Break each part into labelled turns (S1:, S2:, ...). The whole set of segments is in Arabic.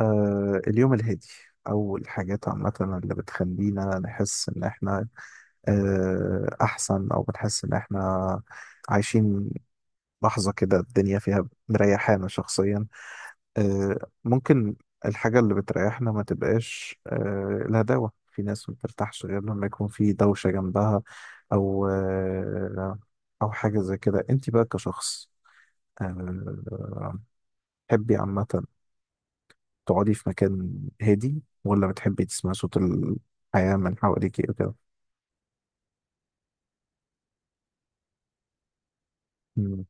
S1: اليوم الهادي أو الحاجات عامة اللي بتخلينا نحس إن إحنا أحسن، أو بنحس إن إحنا عايشين لحظة كده الدنيا فيها مريحانا شخصيا، آه ممكن الحاجة اللي بتريحنا ما تبقاش الهداوة، في ناس ما بترتاحش غير لما يكون في دوشة جنبها، أو آه أو حاجة زي كده. أنت بقى كشخص، آه، تحبي عامة تقعدي في مكان هادي، ولا بتحبي تسمعي صوت الحياة من حواليكي وكده؟ مم.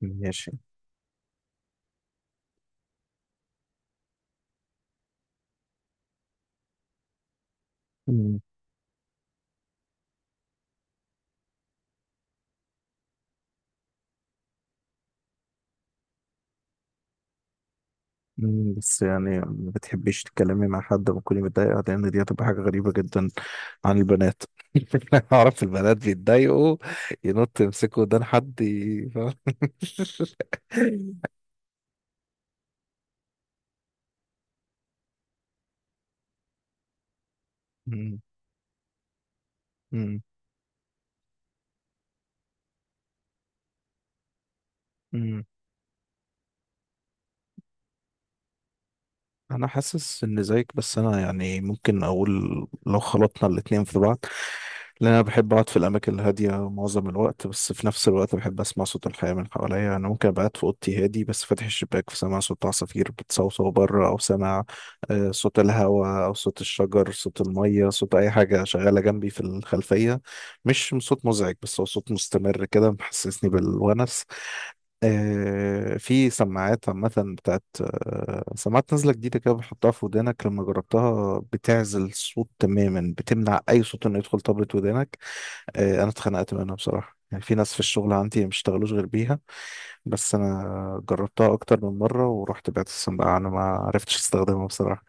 S1: ماشي. مم. مم. بس يعني ما بتحبيش تتكلمي مع حد وتكوني متضايقة، لأن دي هتبقى حاجة غريبة جدا عن البنات. أعرف البنات بيتضايقوا، ينط يمسكوا ودان حد فاهم؟ مم. مم. مم. انا حاسس ان زيك، بس انا يعني ممكن اقول لو خلطنا الاتنين في بعض، لان انا بحب اقعد في الاماكن الهاديه معظم الوقت، بس في نفس الوقت بحب اسمع صوت الحياه من حواليا. انا ممكن ابقى قاعد في اوضتي هادي بس فاتح الشباك، فسامع صوت عصافير بتصوصو بره، او سامع صوت الهواء او صوت الشجر، صوت الميه، صوت اي حاجه شغاله جنبي في الخلفيه، مش صوت مزعج بس هو صوت مستمر كده محسسني بالونس. في سماعات عامة بتاعت سماعات نازلة جديدة كده، بتحطها في ودانك، لما جربتها بتعزل الصوت تماما، بتمنع أي صوت إنه يدخل طبلة ودانك. أنا اتخنقت منها بصراحة، يعني في ناس في الشغل عندي ما بيشتغلوش غير بيها، بس أنا جربتها أكتر من مرة ورحت بعت السماعة، أنا ما عرفتش أستخدمها بصراحة.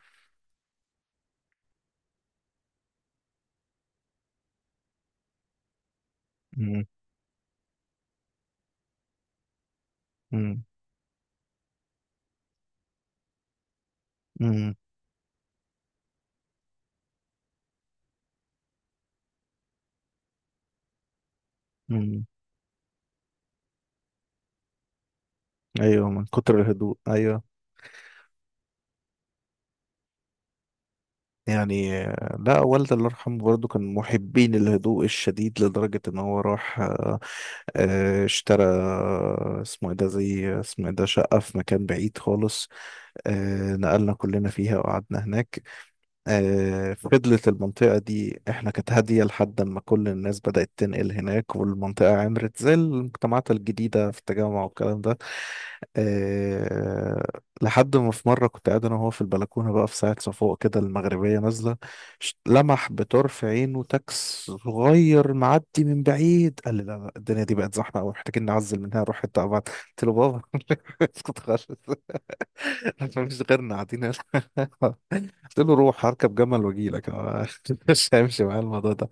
S1: مم. مم. مم. مم. أيوه، من كتر الهدوء أيوه. يعني لا، والدي الله يرحمه برضه كان محبين الهدوء الشديد، لدرجة ان هو راح اشترى، اسمه ايه ده، زي اسمه ايه ده، شقة في مكان بعيد خالص. نقلنا كلنا فيها وقعدنا هناك. فضلت المنطقة دي احنا كانت هادية، لحد ما كل الناس بدأت تنقل هناك والمنطقة عمرت زي المجتمعات الجديدة في التجمع والكلام ده. أه لحد ما في مرة كنت قاعد أنا وهو في البلكونة بقى، في ساعة صفوق كده المغربية نازلة، لمح بطرف عينه تاكس صغير معدي من بعيد، قال لي لا لا الدنيا دي بقت زحمة أوي، محتاجين نعزل منها نروح حتة أبعد. قلت له بابا اسكت خالص، مفيش غيرنا قاعدين هنا. قلت له روح هركب جمل وأجيلك أنا. مش هيمشي معايا الموضوع ده.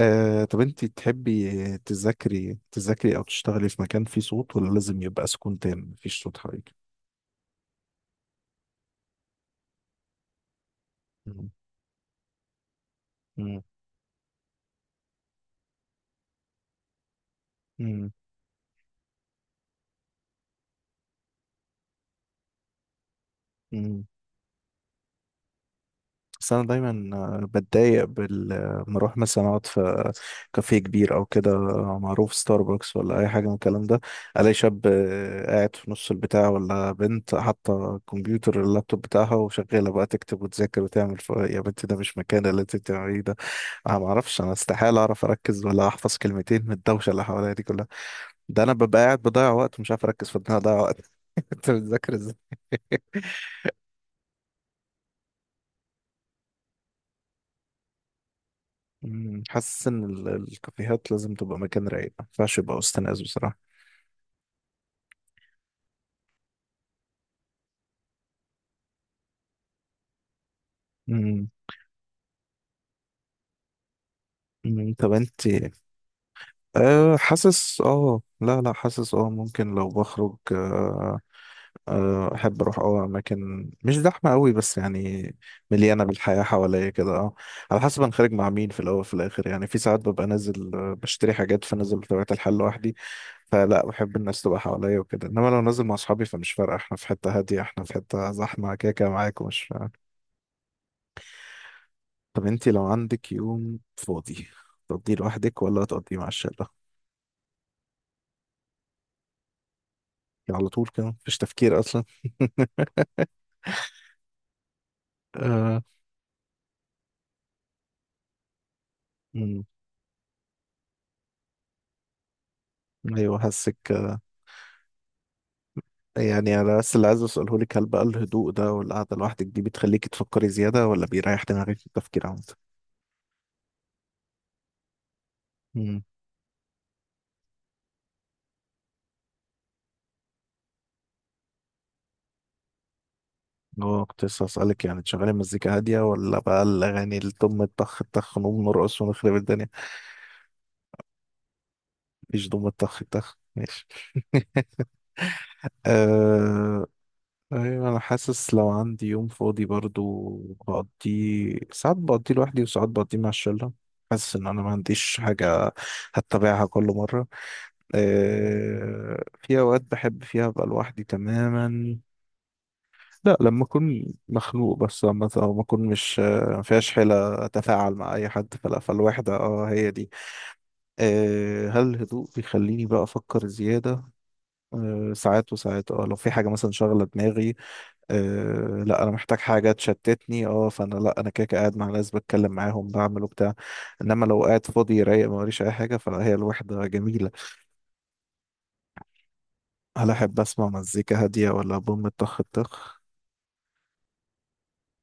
S1: طب أنت تحبي تذاكري تذاكري أو تشتغلي في مكان فيه صوت، ولا لازم يبقى سكون تام مفيش صوت حواليك؟ مم. مم. مم. بس انا دايما بتضايق بال آه، لما اروح مثلا اقعد في كافيه كبير او كده، معروف ستاربكس ولا اي حاجه من الكلام ده، الاقي شاب قاعد في نص البتاع، ولا بنت حاطه الكمبيوتر اللابتوب بتاعها وشغاله بقى تكتب وتذاكر وتعمل يا بنتي ده مش مكان اللي انت بتعمليه ده. انا ما اعرفش، انا استحاله اعرف اركز ولا احفظ كلمتين من الدوشه اللي حواليا دي كلها، ده انا ببقى قاعد بضيع وقت ومش عارف اركز في ان انا اضيع وقت. انت بتذاكر ازاي؟ مم، حاسس ان الكافيهات لازم تبقى مكان رايق، ما ينفعش يبقى وسط ناس بصراحه. مم. مم. طب انت حاسس، لا لا حاسس، ممكن لو بخرج أه آه، احب اروح اماكن مش زحمه قوي، بس يعني مليانه بالحياه حواليا كده. اه على حسب انا خارج مع مين في الاول في الاخر، يعني في ساعات ببقى نازل بشتري حاجات، فنازل بطبيعه الحال لوحدي، فلا بحب الناس تبقى حواليا وكده، انما لو نازل مع اصحابي فمش فارقه احنا في حته هاديه احنا في حته زحمه، كده كده معاكم. طب انت لو عندك يوم فاضي تقضيه لوحدك ولا تقضيه مع الشلة؟ يعني على طول كده مفيش تفكير اصلا. آه. مم. ايوه حاسك. يعني انا بس اللي عايز اساله لك، هل بقى الهدوء ده والقعده لوحدك دي بتخليكي تفكري زياده، ولا بيريح دماغك في التفكير عامه؟ امم. هو كنت لسه هسألك، يعني تشغلي مزيكا هادية ولا بقى الأغاني الدم الطخ الطخ نقوم نرقص ونخرب الدنيا؟ مفيش دم الطخ الطخ ماشي. أه ايوه، انا حاسس لو عندي يوم فاضي برضو، بقضيه ساعات بقضيه لوحدي وساعات بقضيه مع الشله، حاسس ان انا ما عنديش حاجه هتبعها كل مره. في اوقات بحب فيها ابقى لوحدي تماما، لا لما اكون مخنوق، بس لما او ما اكون مش ما فيهاش حيله اتفاعل مع اي حد، فلا، فالوحده هي دي. هل الهدوء بيخليني بقى افكر زياده؟ ساعات وساعات، لو في حاجه مثلا شاغله دماغي، لا انا محتاج حاجه تشتتني، فانا لا، انا كده كده قاعد مع ناس بتكلم معاهم بعمل وبتاع، انما لو قاعد فاضي رايق ما وريش اي حاجه فهي الوحده جميله. هل احب اسمع مزيكا هاديه ولا بوم طخ طخ؟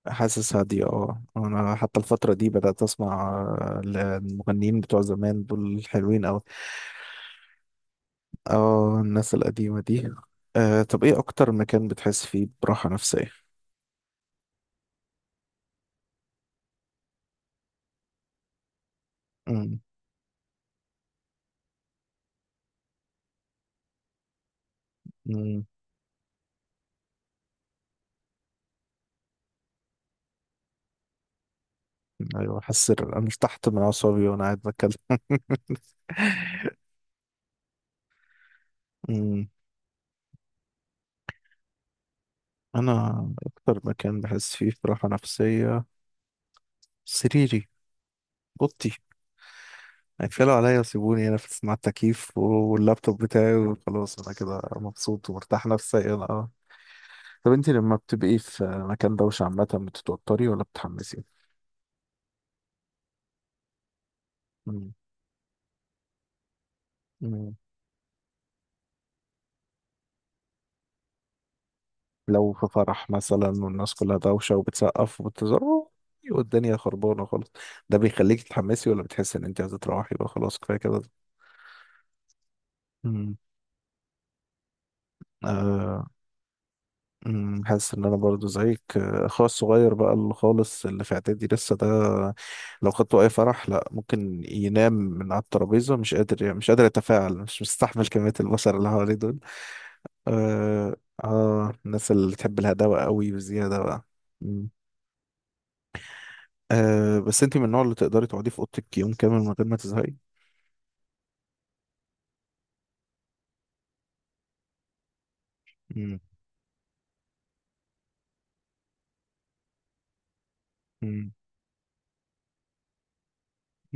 S1: حاسس هاديه، انا حتى الفتره دي بدات اسمع آه، المغنيين بتوع زمان دول حلوين قوي، اه الناس القديمه دي. طب ايه اكتر مكان بتحس فيه براحه نفسيه؟ مم. ايوه، حاسس إن انا ارتحت من اعصابي وانا قاعد بتكلم. أمم. انا اكتر مكان بحس فيه براحه نفسيه سريري، اوضتي، هيتقلوا عليا وسيبوني هنا في مع التكييف واللابتوب بتاعي وخلاص انا كده مبسوط ومرتاح نفسيا. اه طب انت لما بتبقي في مكان دوشه عامه بتتوتري ولا بتتحمسي؟ أمم. لو في فرح مثلا والناس كلها دوشة وبتسقف وبتزار والدنيا خربانة خالص، ده بيخليك تتحمسي، ولا بتحس ان انت عايزة تروحي بقى خلاص كفاية كده؟ امم. آه. امم. حاسس ان انا برضو زيك، اخويا الصغير بقى اللي خالص اللي في اعدادي لسه ده، لو خدته اي فرح لا، ممكن ينام من على الترابيزه، مش قادر مش قادر يتفاعل، مش مستحمل كميه البشر اللي حواليه دول. اه، اه، الناس اللي بتحب الهداوه قوي بزياده بقى. بس انت من النوع اللي تقدري تقعدي في اوضتك يوم كامل من غير ما تزهقي؟ مم. مم.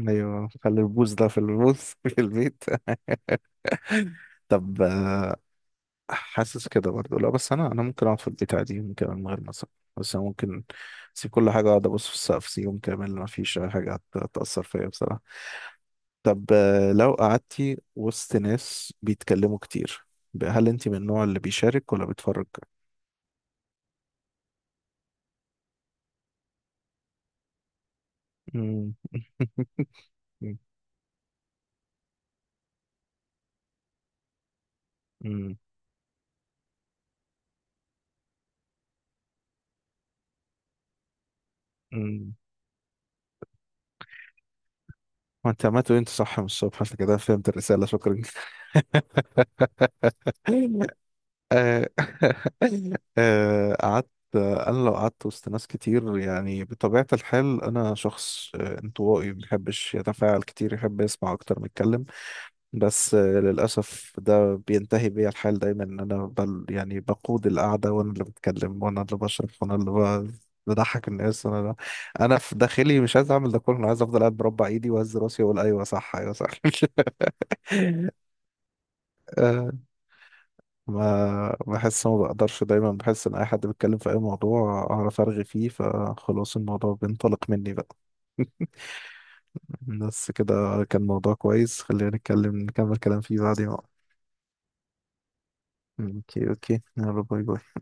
S1: ايوه، خلي البوز ده في البوز في البيت. طب حاسس كده برضه لا، بس انا ممكن اقعد في البيت عادي يوم كامل من غير ما أزهق. بس انا ممكن اسيب كل حاجه، اقعد ابص في السقف يوم كامل، ما فيش اي حاجه هتاثر فيا بصراحه. طب لو قعدتي وسط ناس بيتكلموا كتير بقى، هل انت من النوع اللي بيشارك ولا بيتفرج؟ مم. مم. مم. ما انت عملت انت صح من الصبح، عشان كده فهمت الرسالة شكرا. آه، قعدت، انا لو قعدت وسط ناس كتير، يعني بطبيعة الحال انا شخص انطوائي ما بيحبش يتفاعل كتير، يحب يسمع اكتر ما يتكلم. بس للاسف ده بينتهي بيا الحال دايما، ان انا بل يعني بقود القعدة، وانا اللي بتكلم وانا اللي بشرح وانا اللي بضحك الناس. انا في داخلي مش عايز اعمل ده كله، انا عايز افضل قاعد مربع ايدي واهز راسي واقول ايوه صح ايوه صح. ما بحس، ما بقدرش، دايما بحس ان اي حد بيتكلم في اي موضوع اعرف ارغي فيه، فخلاص الموضوع بينطلق مني بقى. بس كده، كان موضوع كويس، خلينا نتكلم نكمل كلام فيه بعدين بقى. اوكي اوكي، يلا باي باي.